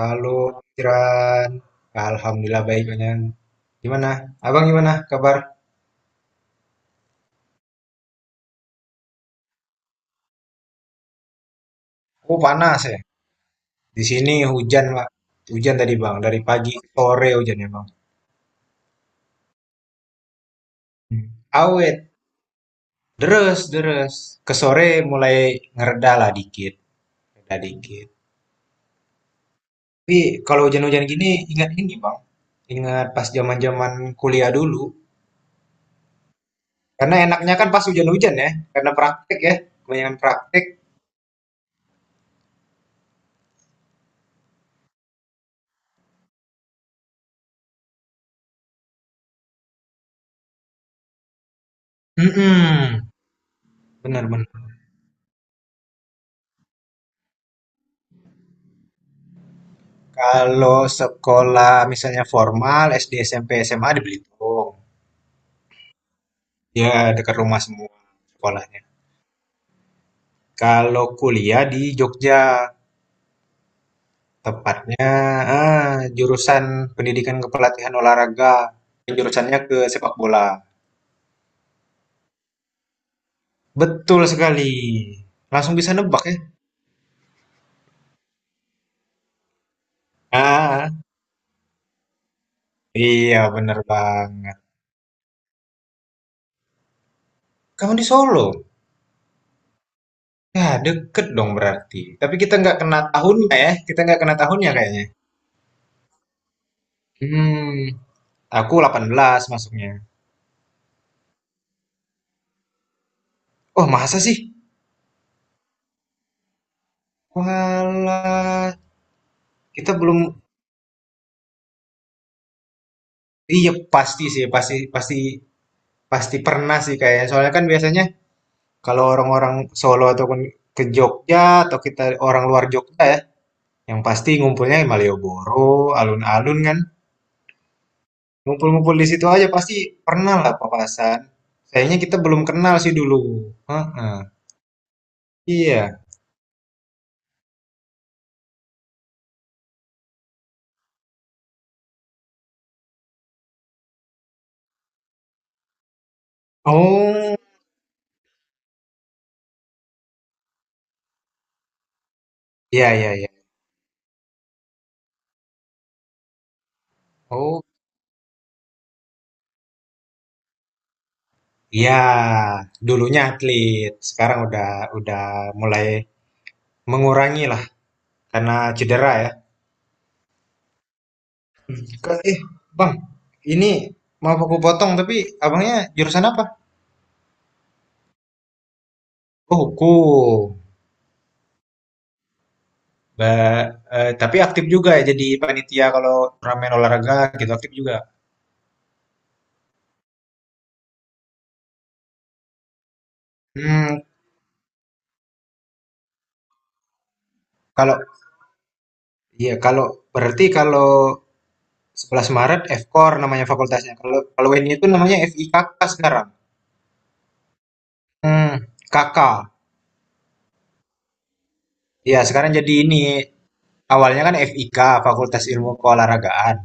Halo, Tiran. Alhamdulillah baik, Bang. Gimana? Abang gimana kabar? Oh, panas ya. Di sini hujan, Pak. Hujan tadi, Bang. Dari pagi ke sore hujannya, Bang. Awet. Deres, deres. Ke sore mulai ngereda lah dikit. Reda dikit. Tapi kalau hujan-hujan gini, ingat ini, Bang. Ingat pas zaman-zaman kuliah dulu. Karena enaknya kan pas hujan-hujan ya. Karena praktek ya. Kebanyakan praktek. Mm-mm. Bener, bener. Kalau sekolah misalnya formal SD, SMP, SMA di Belitung. Ya dekat rumah semua sekolahnya. Kalau kuliah di Jogja, tepatnya jurusan Pendidikan Kepelatihan Olahraga. Jurusannya ke sepak bola. Betul sekali. Langsung bisa nebak ya. Ah, iya bener banget. Kamu di Solo? Ya, deket dong berarti. Tapi kita nggak kena tahunnya ya. Kita nggak kena tahunnya kayaknya. Hmm, aku 18 masuknya. Oh, masa sih? Walah, kita belum iya pasti sih, pasti pasti pasti pernah sih kayaknya. Soalnya kan biasanya kalau orang-orang Solo ataupun ke Jogja atau kita orang luar Jogja ya, yang pasti ngumpulnya di Malioboro, alun-alun kan. Ngumpul-ngumpul di situ aja pasti pernah lah papasan. Sayangnya kita belum kenal sih dulu. Heeh. Iya. Oh, iya iya iya. Oh, iya. Dulunya atlet, sekarang udah mulai mengurangi lah karena cedera ya. Eh, Bang, ini mau aku potong, tapi abangnya jurusan apa? Oh, hukum. Ba- eh, tapi aktif juga ya jadi panitia kalau turnamen olahraga gitu aktif juga. Hmm, kalau iya kalau berarti kalau 11 Maret FKOR namanya fakultasnya. Kalau kalau ini itu namanya FIKK sekarang. Hmm, KK. Ya, sekarang jadi ini awalnya kan FIK Fakultas Ilmu Keolahragaan.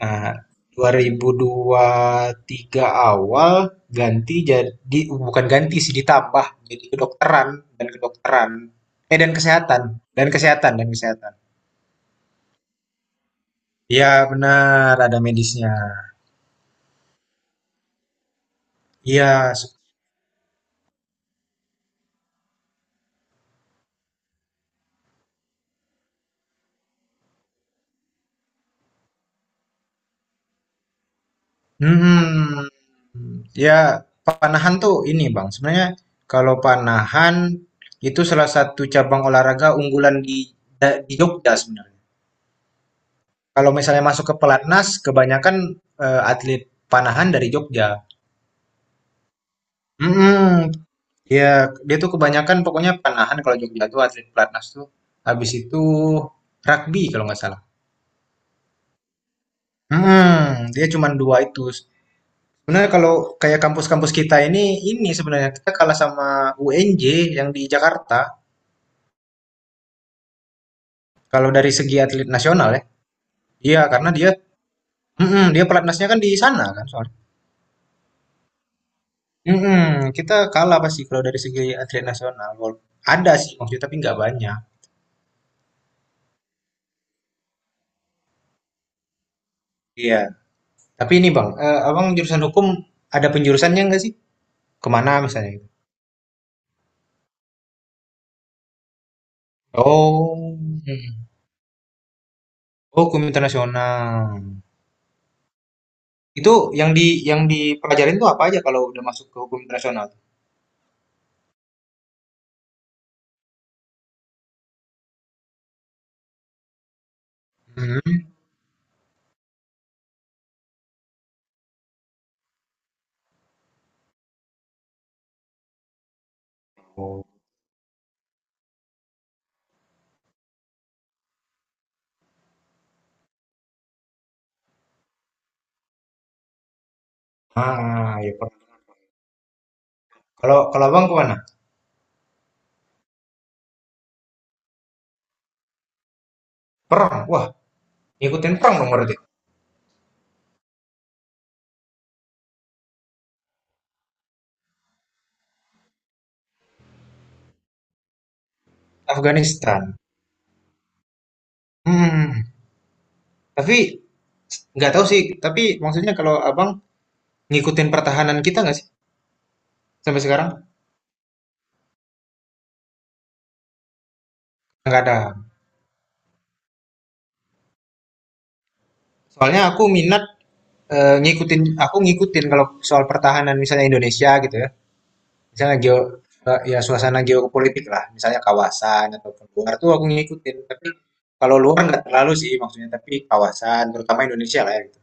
Nah, 2003 awal ganti jadi, bukan ganti sih, ditambah jadi kedokteran dan kedokteran eh dan kesehatan dan kesehatan dan kesehatan. Iya benar ada medisnya. Iya. Hmm. Ya panahan tuh ini Bang. Sebenarnya kalau panahan itu salah satu cabang olahraga unggulan di di Jogja sebenarnya. Kalau misalnya masuk ke pelatnas kebanyakan atlet panahan dari Jogja. Mhm, iya, dia tuh kebanyakan pokoknya panahan kalau Jogja tuh atlet pelatnas tuh. Habis itu rugby kalau nggak salah. Mhm, dia cuma dua itu. Sebenarnya kalau kayak kampus-kampus kita ini sebenarnya kita kalah sama UNJ yang di Jakarta. Kalau dari segi atlet nasional ya, iya karena dia pelatnasnya kan di sana kan soalnya. Mhm, kita kalah pasti kalau dari segi atlet nasional. Ada sih maksudnya tapi nggak banyak. Iya. Tapi ini bang, abang jurusan hukum ada penjurusannya nggak sih? Kemana misalnya gitu? Oh, Mhm. Oh, hukum internasional. Itu yang dipelajarin tuh apa aja kalau udah masuk ke hukum internasional? Mhm. Oh, ah, ya per- Kalau kalau abang kemana? Perang. Wah, ngikutin perang dong berarti. Afghanistan. Hmm. Tapi nggak tahu sih. Tapi maksudnya kalau abang ngikutin pertahanan kita nggak sih sampai sekarang? Nggak ada. Soalnya aku minat ngikutin. Aku ngikutin kalau soal pertahanan misalnya Indonesia gitu ya. Misalnya ya suasana geopolitik lah, misalnya kawasan ataupun luar tuh aku ngikutin, tapi kalau luar nggak terlalu sih maksudnya, tapi kawasan terutama Indonesia lah ya gitu.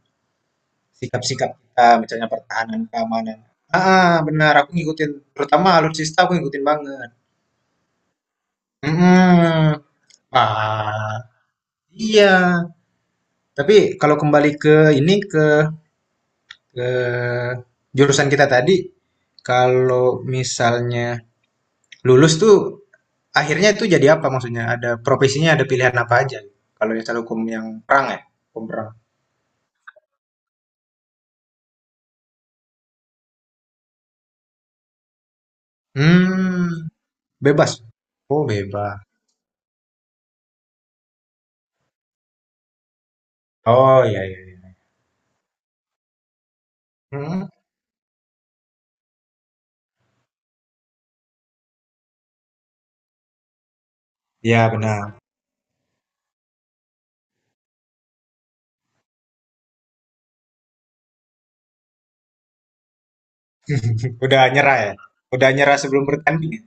Sikap-sikap kita misalnya pertahanan, keamanan. Benar, aku ngikutin, terutama alutsista aku ngikutin banget. Mhm. Wah, iya. Tapi kalau kembali ke ini, ke jurusan kita tadi, kalau misalnya lulus tuh akhirnya itu jadi apa maksudnya? Ada profesinya, ada pilihan apa aja? Kalau jasa hukum yang perang ya, hukum perang. Hmm, Bebas. Oh, bebas. Oh, iya iya. Iya. Hmm, Ya benar. Udah nyerah ya? Udah nyerah sebelum bertanding ya?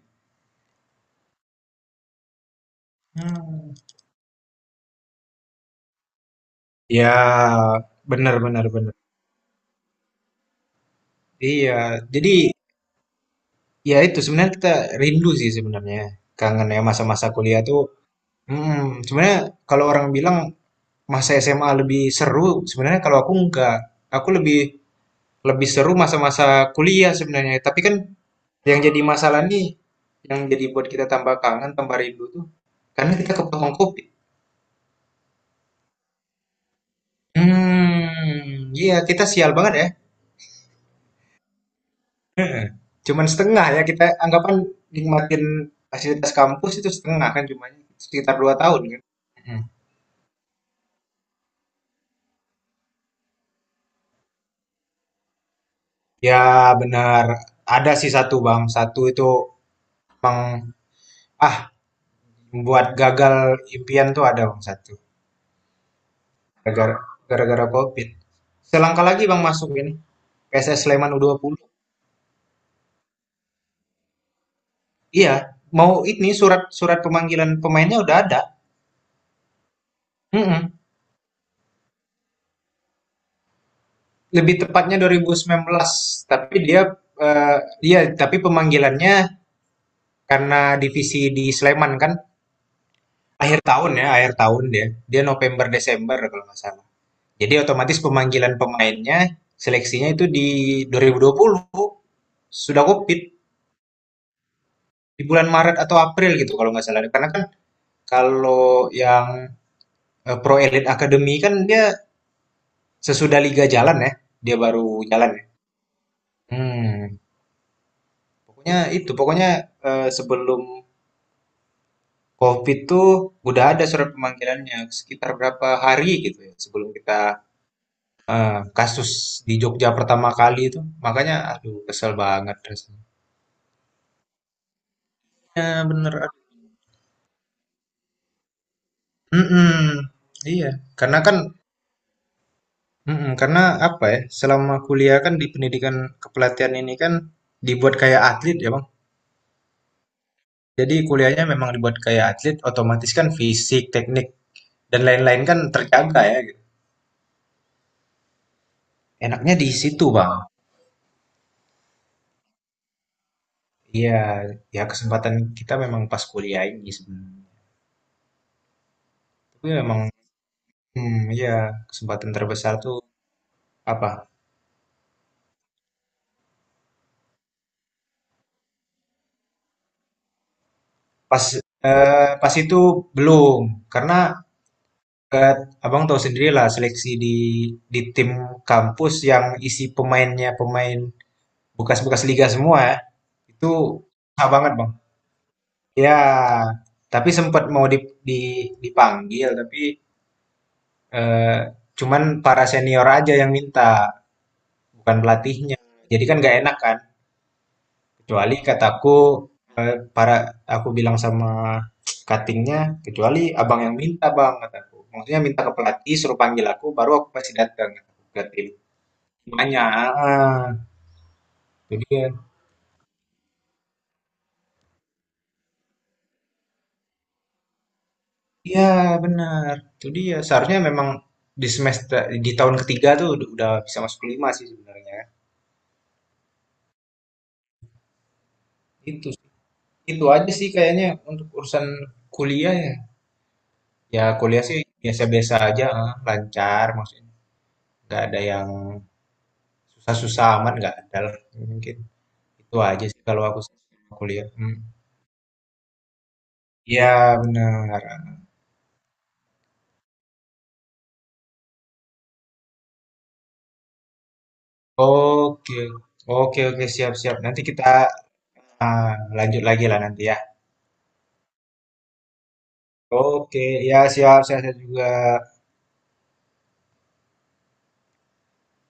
Hmm. Ya, benar benar benar. Iya, jadi ya itu sebenarnya kita rindu sih sebenarnya. Kangen ya masa-masa kuliah tuh. Sebenarnya kalau orang bilang masa SMA lebih seru, sebenarnya kalau aku enggak. Aku lebih Lebih seru masa-masa kuliah sebenarnya, tapi kan yang jadi masalah nih, yang jadi buat kita tambah kangen, tambah rindu tuh, karena kita kepotong kopi. Iya kita sial banget ya. Cuman setengah ya kita anggapan nikmatin fasilitas kampus itu setengah kan cuma sekitar 2 tahun kan. Mhm. Ya benar, ada sih satu bang, satu itu emang ah membuat gagal impian tuh ada bang satu, gara-gara gara-gara COVID. Selangkah lagi bang masuk ini. PSS Sleman U20. Iya, mau ini surat surat pemanggilan pemainnya udah ada. Mm-mm. Lebih tepatnya 2019, tapi dia eh, iya, tapi pemanggilannya karena divisi di Sleman kan akhir tahun ya, akhir tahun dia. Dia November Desember kalau nggak salah. Jadi otomatis pemanggilan pemainnya seleksinya itu di 2020 sudah COVID di bulan Maret atau April gitu kalau nggak salah. Karena kan kalau yang Pro Elite Academy kan dia sesudah liga jalan ya, dia baru jalan ya? Hmm, Pokoknya itu, pokoknya sebelum COVID tuh udah ada surat pemanggilannya sekitar berapa hari gitu ya sebelum kita kasus di Jogja pertama kali itu. Makanya aduh kesel banget rasanya. Ya bener. Aduh. Mm-mm. Iya, karena kan mm-mm, karena apa ya? Selama kuliah kan di pendidikan kepelatihan ini kan dibuat kayak atlet ya, Bang. Jadi kuliahnya memang dibuat kayak atlet, otomatis kan fisik, teknik, dan lain-lain kan terjaga ya gitu. Enaknya di situ, Bang. Iya, ya kesempatan kita memang pas kuliah ini sebenarnya. Tapi memang ya kesempatan terbesar tuh apa? Pas pas itu belum karena eh, Abang tahu sendiri lah seleksi di tim kampus yang isi pemainnya pemain bekas-bekas liga semua ya. Itu susah banget, Bang. Ya, tapi sempat mau di, dipanggil tapi Eee, cuman para senior aja yang minta, bukan pelatihnya. Jadi kan nggak enak kan. Kecuali kataku, eee, para aku bilang sama cutting "Kecuali abang yang minta bang," kataku. Maksudnya minta ke pelatih, suruh panggil aku, baru aku pasti datang kataku, ke tim. Banyak heeh, itu dia. Iya, benar. Itu dia, seharusnya memang di semester di tahun ketiga tuh udah bisa masuk ke sih sebenarnya. Itu Itu aja sih kayaknya untuk urusan kuliah ya. Ya kuliah sih biasa-biasa aja, lancar maksudnya. Nggak ada yang susah-susah amat, nggak ada lah. Mungkin itu aja sih kalau aku sih sama kuliah. Hmm. Iya benar. Oke, oke, oke, siap-siap. Nanti kita ah, lanjut lagi lah nanti ya. Oke, ya siap, saya juga.